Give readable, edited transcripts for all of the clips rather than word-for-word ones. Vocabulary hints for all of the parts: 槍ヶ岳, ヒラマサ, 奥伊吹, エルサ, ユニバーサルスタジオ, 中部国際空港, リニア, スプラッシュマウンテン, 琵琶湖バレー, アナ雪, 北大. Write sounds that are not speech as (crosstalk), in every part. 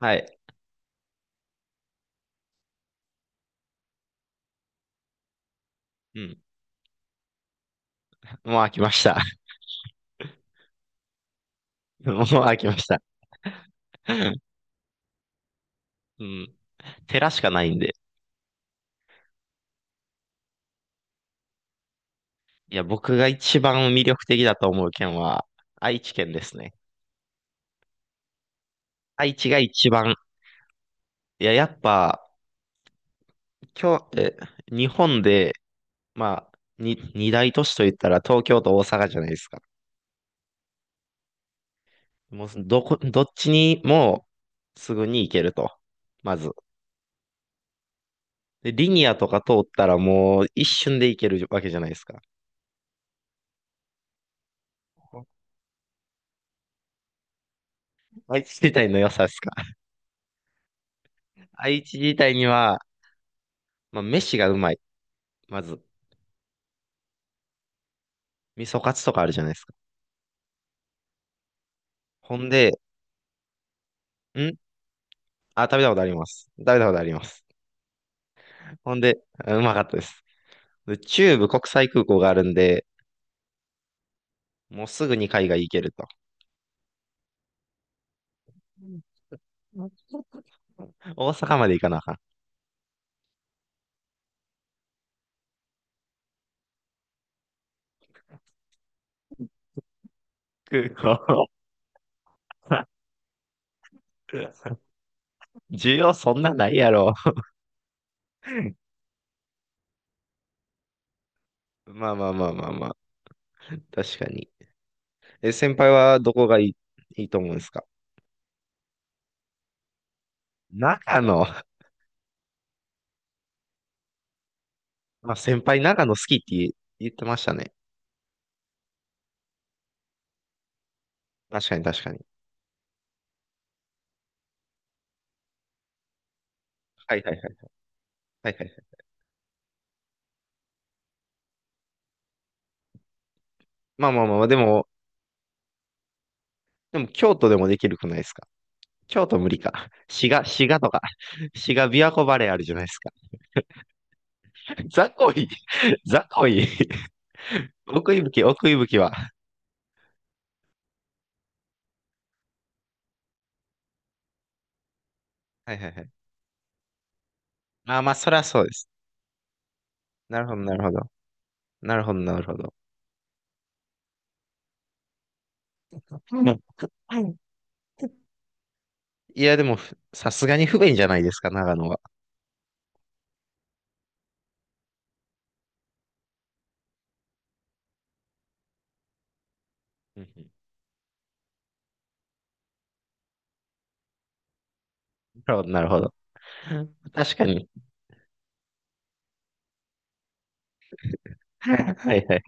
はい。うん。もう飽きました。(laughs) もう飽きました。(laughs) うん。寺しかないんで。いや、僕が一番魅力的だと思う県は、愛知県ですね。愛知が一番、いや、やっぱ、今日、日本で、まあ、二大都市といったら東京と大阪じゃないですか。もう、どっちにもすぐに行けると。まず。で、リニアとか通ったらもう一瞬で行けるわけじゃないですか。愛知 (laughs) 自体の良さですか。(laughs) 愛知自体には、まあ、飯がうまい。まず、味噌カツとかあるじゃないですか。ほんで、ん食べたことあります。食べたことあります。ほんで、うまかったです。で、中部国際空港があるんで、もうすぐに海外行けると。大阪まで行かなあかん。(laughs) 需要そんなないやろ。まあまあまあまあまあ。確かに。え、先輩はどこがいい、いいと思うんですか？長野。まあ、先輩長野好きって言ってましたね。確かに確かに。はいはいはい。はいはいはい。まあまあまあ、でも京都でもできるくないですか？京都無理か。滋賀とか、滋賀琵琶湖バレーあるじゃないですか。雑魚い、雑魚い。奥伊吹は。はいはいはい。ああ、まあ、そりゃそうです。なるほど、なるほど。なるほど、なるほど。うん。いや、でも、さすがに不便じゃないですか、長野は。うんうん。なるほど、なるほど。確かに。はいはい。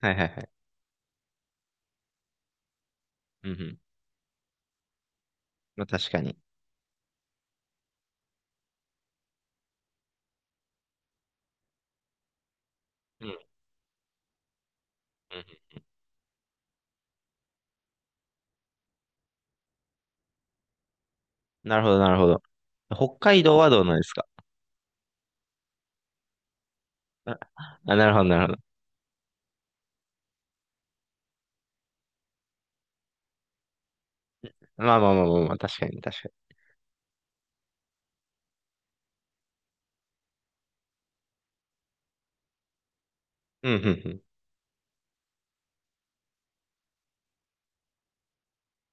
はいはいはい。うんうん。まあ、確かに。うんうん。なるほど、なるほど。北海道はどうなんですか？あ、なるほど、なるほど。まあまあまあまあまあ、確かに確かに。うん、うん、うん。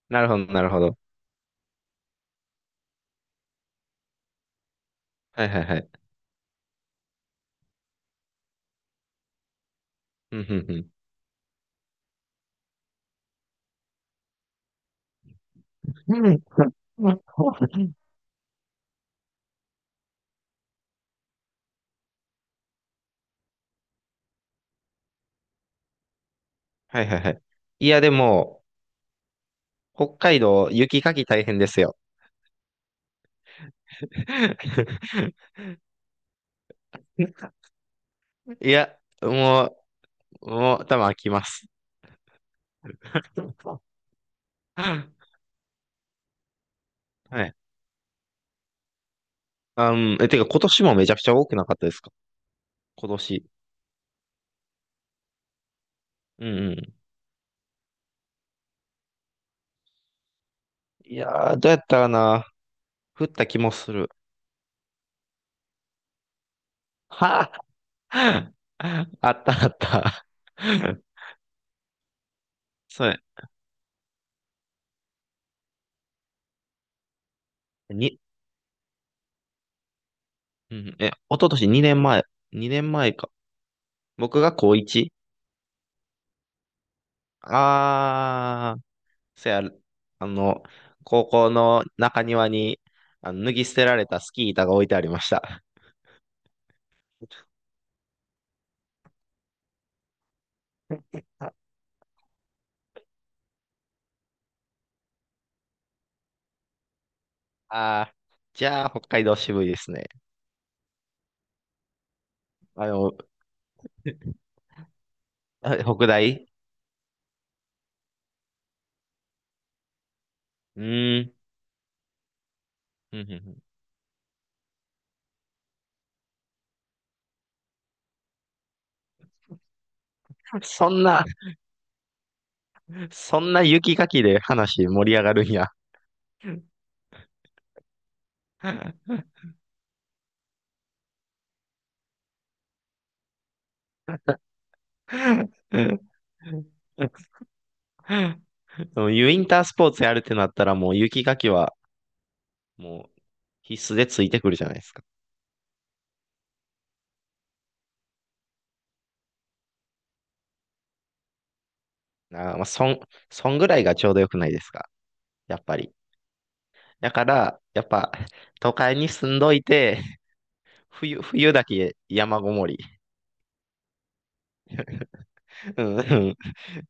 なるほど、なるほど。はいはいはい。うん、うん、うん。うん。はいはいはい。いや、でも、北海道、雪かき大変ですよ。(laughs) いや、ももう、多分飽きます。(laughs) はい。てか、今年もめちゃくちゃ多くなかったですか？今年。うんうん。いやー、どうやったかな。降った気もする。はあ、(laughs) あったあった。(laughs) そうや。に、うん、一昨年2年前、2年前か。僕が高 1？ あー、せや、あの、高校の中庭に、脱ぎ捨てられたスキー板が置いてありました。ああー、じゃあ、北海道渋いですね。あの、北大。うーん。うんうんうん。そんな、そんな雪かきで話盛り上がるんや。(laughs) でもウィンタースポーツやるってなったらもう雪かきはもう必須でついてくるじゃないですか。なあまあ、そんぐらいがちょうどよくないですか？やっぱり。だから、やっぱ、都会に住んどいて、冬だけ山ごもり。うんうん。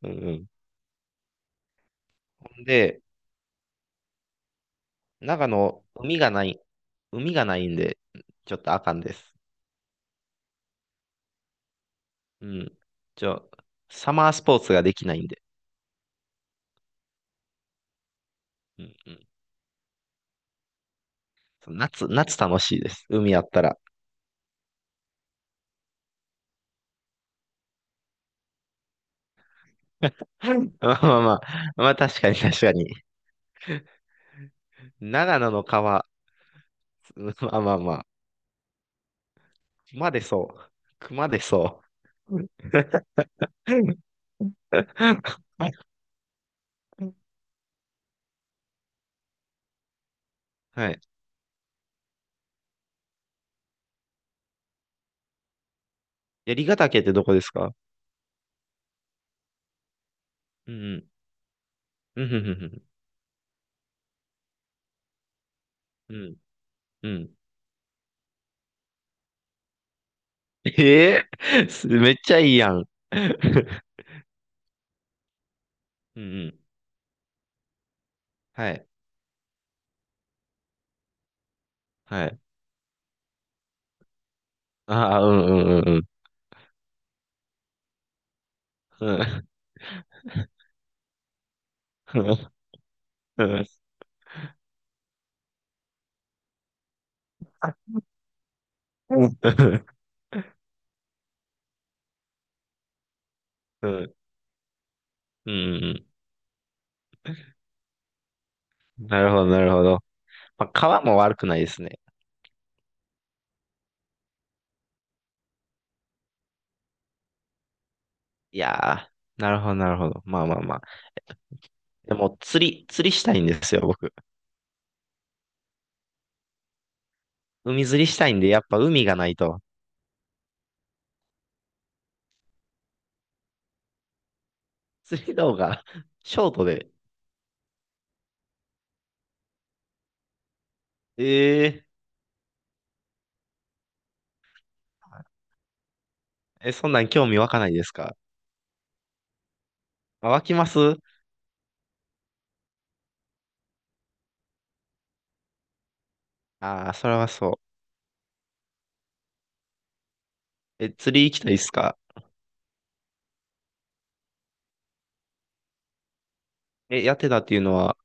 うんうん。ほんで、長野、海がないんで、ちょっとあかんです。うん。ちょ、サマースポーツができないんで。うんうん。そう、夏楽しいです。海あったら。(laughs) まあまあまあ、まあ確かに確かに。長野の川、(laughs) まあまあま熊出そう。熊出そう。(laughs) はい。槍ヶ岳ってどこですか？うんうん。うん、うん、うん、ええすめっちゃいいやん。(laughs) うん、うん。はい、はい。ああ、うん、うん、うん、うん。うん、うん。あうん、うん、うん。うん。なるほど、なるほど。まあ、川も悪くないですね。いやー、なるほど、なるほど。まあまあまあ。でも、釣りしたいんですよ、僕。海釣りしたいんで、やっぱ海がないと。釣り動画 (laughs) ショートで。えええ、そんなん興味湧かないですか？湧きます？ああー、それはそう。え、釣り行きたいっすか？え、やってたっていうのは、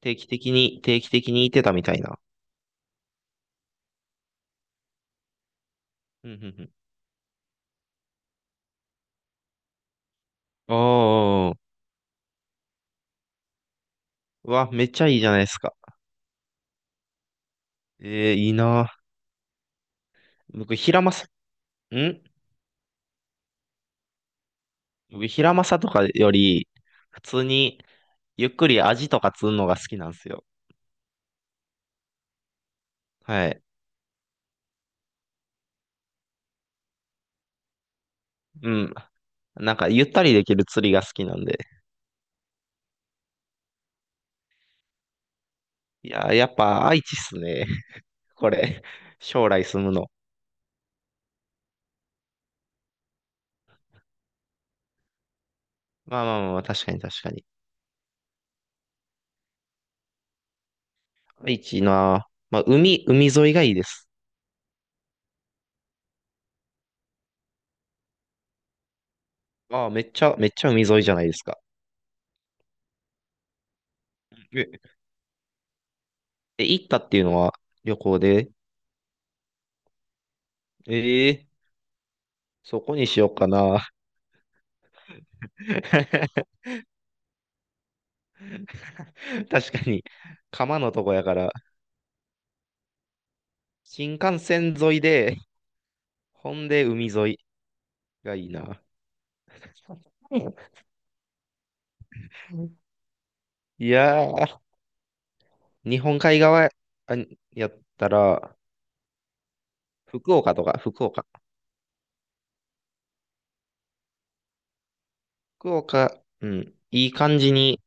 定期的に行ってたみたいな。うんうんうん。おー、うわ、めっちゃいいじゃないですか。えー、いいな。僕、ヒラマサ、ん僕、ヒラマサとかより、普通に、ゆっくりアジとか釣るのが好きなんですよ。はい。うん。なんか、ゆったりできる釣りが好きなんで。いやー、やっぱ愛知っすね。(laughs) これ。将来住むの。まあまあまあまあ、確かに確かに。愛知な。まあ、海沿いがいいです。ああ、めっちゃ、めっちゃ海沿いじゃないですか。え、え行ったっていうのは？旅行で。ええ、そこにしようかな。(laughs) 確かに。釜のとこやから、新幹線沿いで、ほんで海沿いがいいな。いやー、日本海側あやったら、福岡とか、福岡、うん、いい感じに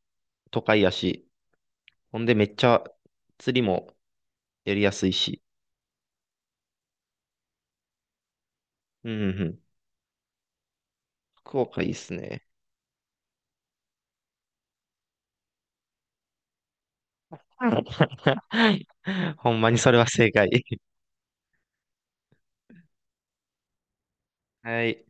都会やし、ほんでめっちゃ釣りもやりやすいし、うんうんうん、福岡いいっすね。(laughs) ほんまにそれは正解。(laughs) はい。